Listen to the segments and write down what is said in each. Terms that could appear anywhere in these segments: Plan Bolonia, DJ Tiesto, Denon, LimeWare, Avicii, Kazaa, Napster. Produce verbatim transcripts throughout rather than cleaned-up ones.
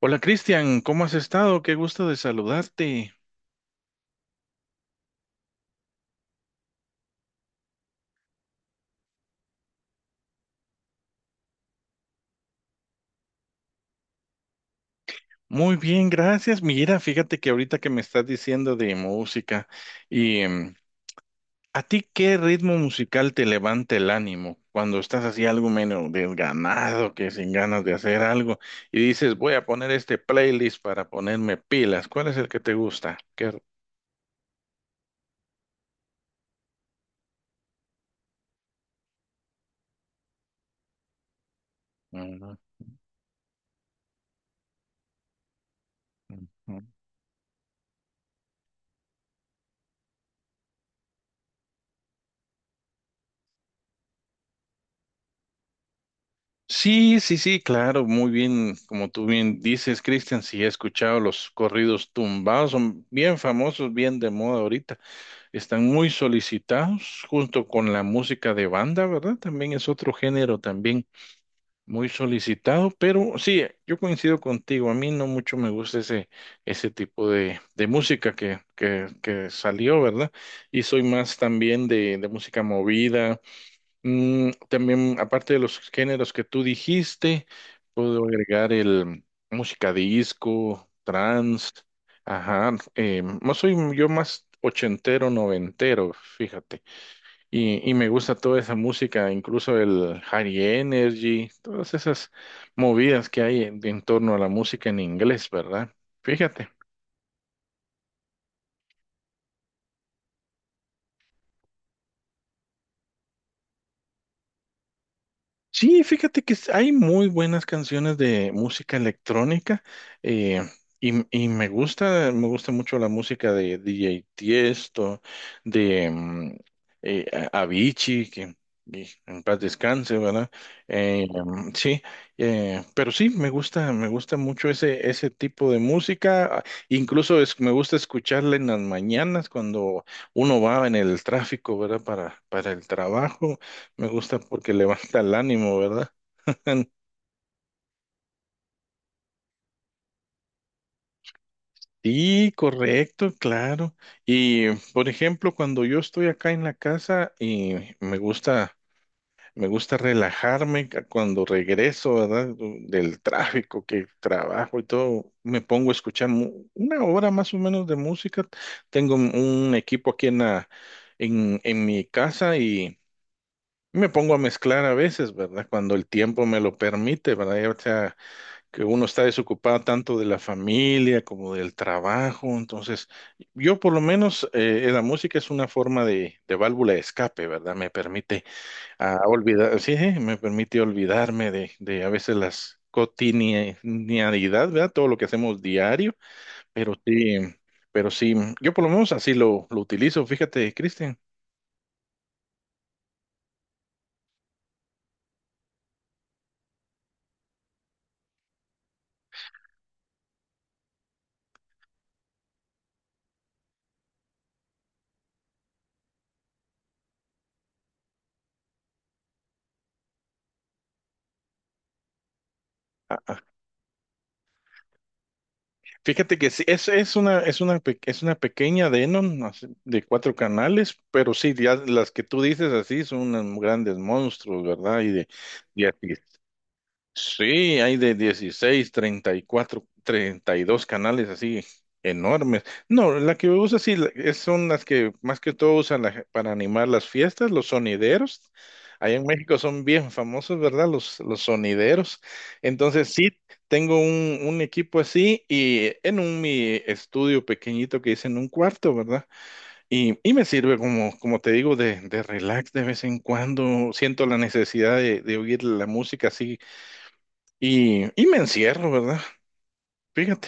Hola Cristian, ¿cómo has estado? Qué gusto de saludarte. Muy bien, gracias. Mira, fíjate que ahorita que me estás diciendo de música y em, ¿a ti qué ritmo musical te levanta el ánimo cuando estás así algo menos desganado, que sin ganas de hacer algo y dices, voy a poner este playlist para ponerme pilas? ¿Cuál es el que te gusta? ¿Qué... Ujú, ujú. Sí, sí, sí, claro, muy bien, como tú bien dices, Cristian, sí he escuchado los corridos tumbados, son bien famosos, bien de moda ahorita, están muy solicitados junto con la música de banda, ¿verdad? También es otro género también muy solicitado, pero sí, yo coincido contigo, a mí no mucho me gusta ese, ese tipo de, de música que, que, que salió, ¿verdad? Y soy más también de, de música movida. Mm, también, aparte de los géneros que tú dijiste, puedo agregar el música disco, trance, ajá, eh, no soy yo más ochentero, noventero, fíjate, y, y me gusta toda esa música, incluso el high energy, todas esas movidas que hay en, en torno a la música en inglés, ¿verdad? Fíjate. Sí, fíjate que s- hay muy buenas canciones de música electrónica eh, y, m- y me gusta, me gusta mucho la música de D J Tiesto, de mm, eh, a- Avicii, que que en paz descanse, ¿verdad? Eh, mm, sí, eh, pero sí, me gusta, me gusta mucho ese, ese tipo de música. ah, Incluso es- me gusta escucharla en las mañanas cuando uno va en el tráfico, ¿verdad? Para, para el trabajo. Me gusta porque levanta el ánimo, ¿verdad? Sí, correcto, claro. Y por ejemplo, cuando yo estoy acá en la casa y me gusta, me gusta relajarme ca- cuando regreso, ¿verdad? Del tráfico que trabajo y todo, me pongo a escuchar mu- una hora más o menos de música. Tengo un un equipo aquí en la, en, en mi casa y me pongo a mezclar a veces, ¿verdad? Cuando el tiempo me lo permite, ¿verdad? Que uno está desocupado tanto de la familia como del trabajo. Entonces, yo por lo menos eh, eh, la música es una forma de, de válvula de escape, ¿verdad? Me permite ah, olvidar, sí, sí, me permite olvidarme de, de a veces las cotidianidad, ¿verdad? Todo lo que hacemos diario, pero sí, pero sí, yo por lo menos así lo, lo utilizo, fíjate, Cristian. Fíjate que sí, es, es una, es una, pe- es una pequeña Denon así, de cuatro canales, pero sí, ya las que tú dices así son unos grandes monstruos, ¿verdad? Y de, Sí, hay de dieciséis, treinta y cuatro, treinta y dos canales así enormes. No, la que usa sí la- es- son las que más que todo usan la ge- para animar las fiestas, los sonideros. Allá en México son bien famosos, ¿verdad? Los, los sonideros. Entonces sí, tengo un, un equipo así y en un mi estudio pequeñito que hice en un cuarto, ¿verdad? Y, y me sirve como, como te digo, de, de relax de vez en cuando. Siento la necesidad de, de oír la música así y, y me encierro, ¿verdad? Fíjate.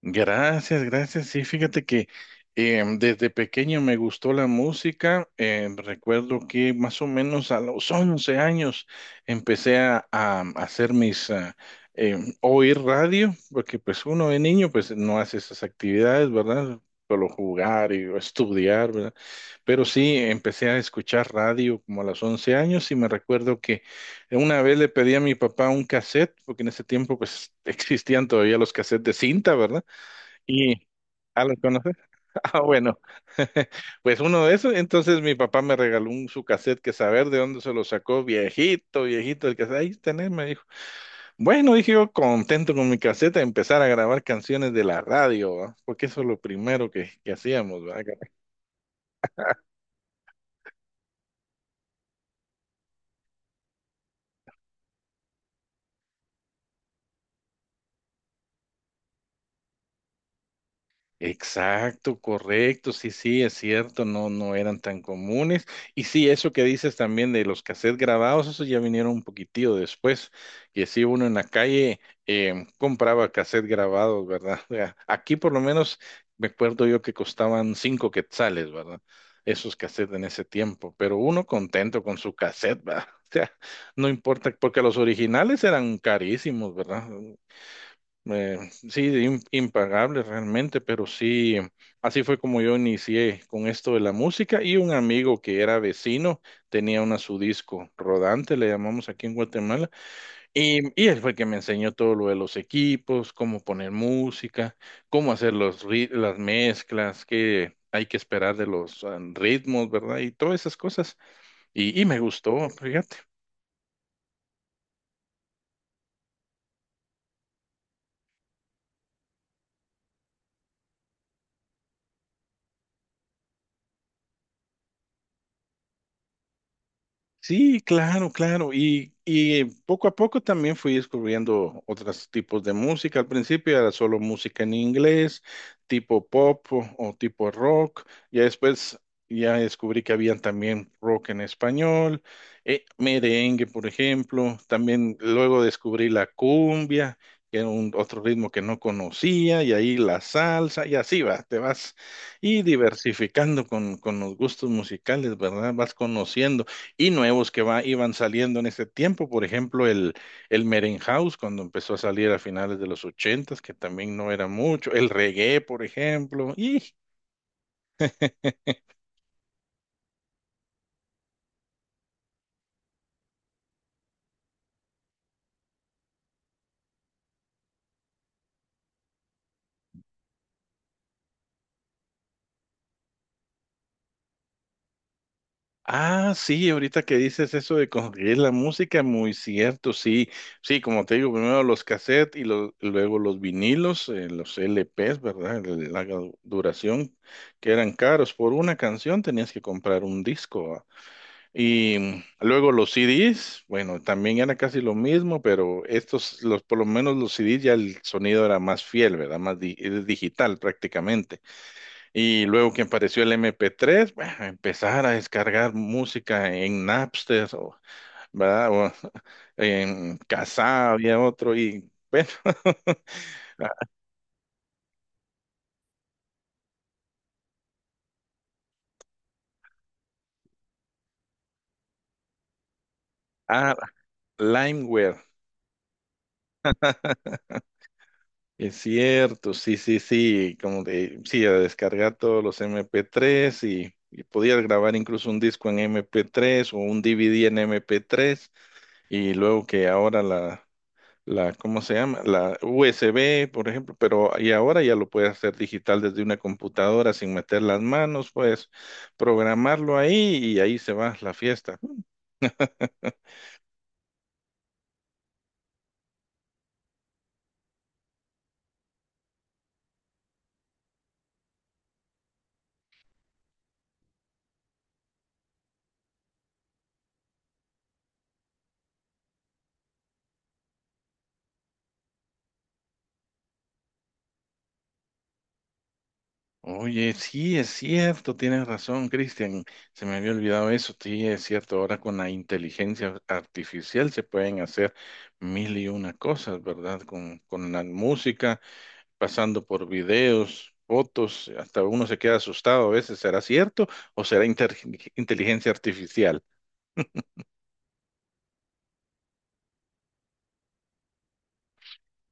Gracias, gracias. Sí, fíjate que em, desde pequeño me gustó la música. Em, recuerdo que más o menos a los once años empecé a, a hacer mis, ah, em, oír radio, porque pues uno de niño pues no hace esas actividades, ¿verdad? Solo jugar y estudiar, ¿verdad? Pero sí, empecé a escuchar radio como a los once años y me recuerdo que una vez le pedí a mi papá un cassette, porque en ese tiempo pues existían todavía los cassettes de cinta, ¿verdad? Y, ¿ah, los conoces? Ah, bueno, pues uno de esos. Entonces mi papá me regaló un su cassette que saber de dónde se lo sacó, viejito, viejito, el cassette. Ahí tenés, me dijo. Bueno, dije yo, contento con mi cassette, a empezar a grabar canciones de la radio, ¿va? Porque eso es lo primero que, que hacíamos, ¿va? Exacto, correcto, sí, sí, es cierto, no, no eran tan comunes. Y sí, eso que dices también de los cassettes grabados, eso ya vinieron un poquitillo después, que sí, uno en la calle eh, compraba cassettes grabados, ¿verdad? O aquí por lo menos me acuerdo yo que costaban cinco quetzales, ¿verdad? Esos cassettes en ese tiempo, pero uno contento con su cassette, ¿verdad? O sea, no importa, porque los originales eran carísimos, ¿verdad? Eh, sí, de im- impagable realmente, pero sí, así fue como yo inicié con esto de la música y un amigo que era vecino tenía una su disco rodante, le llamamos aquí en Guatemala, y, y él fue el que me enseñó todo lo de los equipos, cómo poner música, cómo hacer los, ri- las mezclas, qué hay que esperar de los ah, ritmos, ¿verdad? Y todas esas cosas. Y, y me gustó, fíjate. Sí, claro, claro. Y, y poco a poco también fui descubriendo otros tipos de música. Al principio era solo música en inglés, tipo pop o, o tipo rock. Ya después ya descubrí que habían también rock en español, eh, merengue, por ejemplo. También luego descubrí la cumbia, que era un, otro ritmo que no conocía, y ahí la salsa, y así va, te vas y diversificando con, con los gustos musicales, ¿verdad? Vas conociendo y nuevos que va, iban saliendo en ese tiempo. Por ejemplo, el, el Merenhouse, cuando empezó a salir a finales de los ochentas, que también no era mucho. El reggae, por ejemplo. Y ah, sí, ahorita que dices eso de conseguir la música, muy cierto, sí. Sí, como te digo, primero los cassettes y los- luego los vinilos, eh, los L Ps, ¿verdad? La duración, que eran caros. Por una canción tenías que comprar un disco. Y mm, luego los C Ds, bueno, también era casi lo mismo, pero estos, los, por lo menos los C Ds ya el sonido era más fiel, ¿verdad? Más di- es digital prácticamente. Y luego que apareció el M P tres, bueno, empezar a descargar música en Napster, o, ¿verdad? O en Kazaa había otro y, bueno, ah, LimeWare, es cierto, sí, sí, sí, como de, sí, a descargar todos los M P tres y, y podías grabar incluso un disco en M P tres o un D V D en M P tres y luego que ahora la, la, ¿cómo se llama? La U S B, por ejemplo, pero y ahora ya lo puedes hacer digital desde una computadora sin meter las manos, puedes programarlo ahí y ahí se va la fiesta. Oye, sí, es cierto, tienes razón, Cristian. Se me había olvidado eso. Sí, es cierto, ahora con la inteligencia artificial se pueden hacer mil y una cosas, ¿verdad? Con, con la música, pasando por videos, fotos, hasta uno se queda asustado a veces. ¿Será cierto o será inter- inteligencia artificial?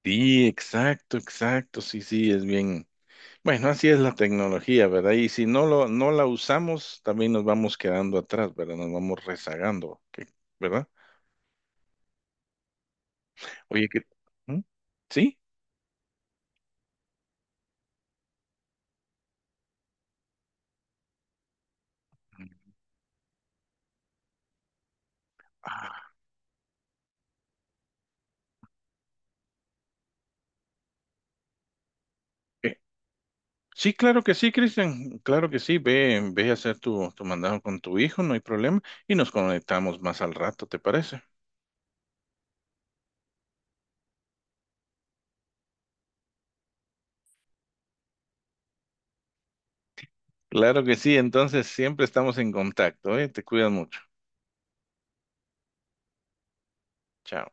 Sí, exacto, exacto, sí, sí, es bien. Bueno, así es la tecnología, ¿verdad? Y si no lo, no la usamos, también nos vamos quedando atrás, ¿verdad? Nos vamos rezagando, ¿qué- ¿verdad? Oye, ¿qué? ¿Mm? ¿Sí? Ah, eh, sí, claro que sí, Cristian. Claro que sí. Ve, ve a hacer tu, tu mandado con tu hijo, no hay problema. Y nos conectamos más al rato, ¿te parece? Claro que sí. Entonces siempre estamos en contacto, ¿eh? Te cuidas mucho. Chao.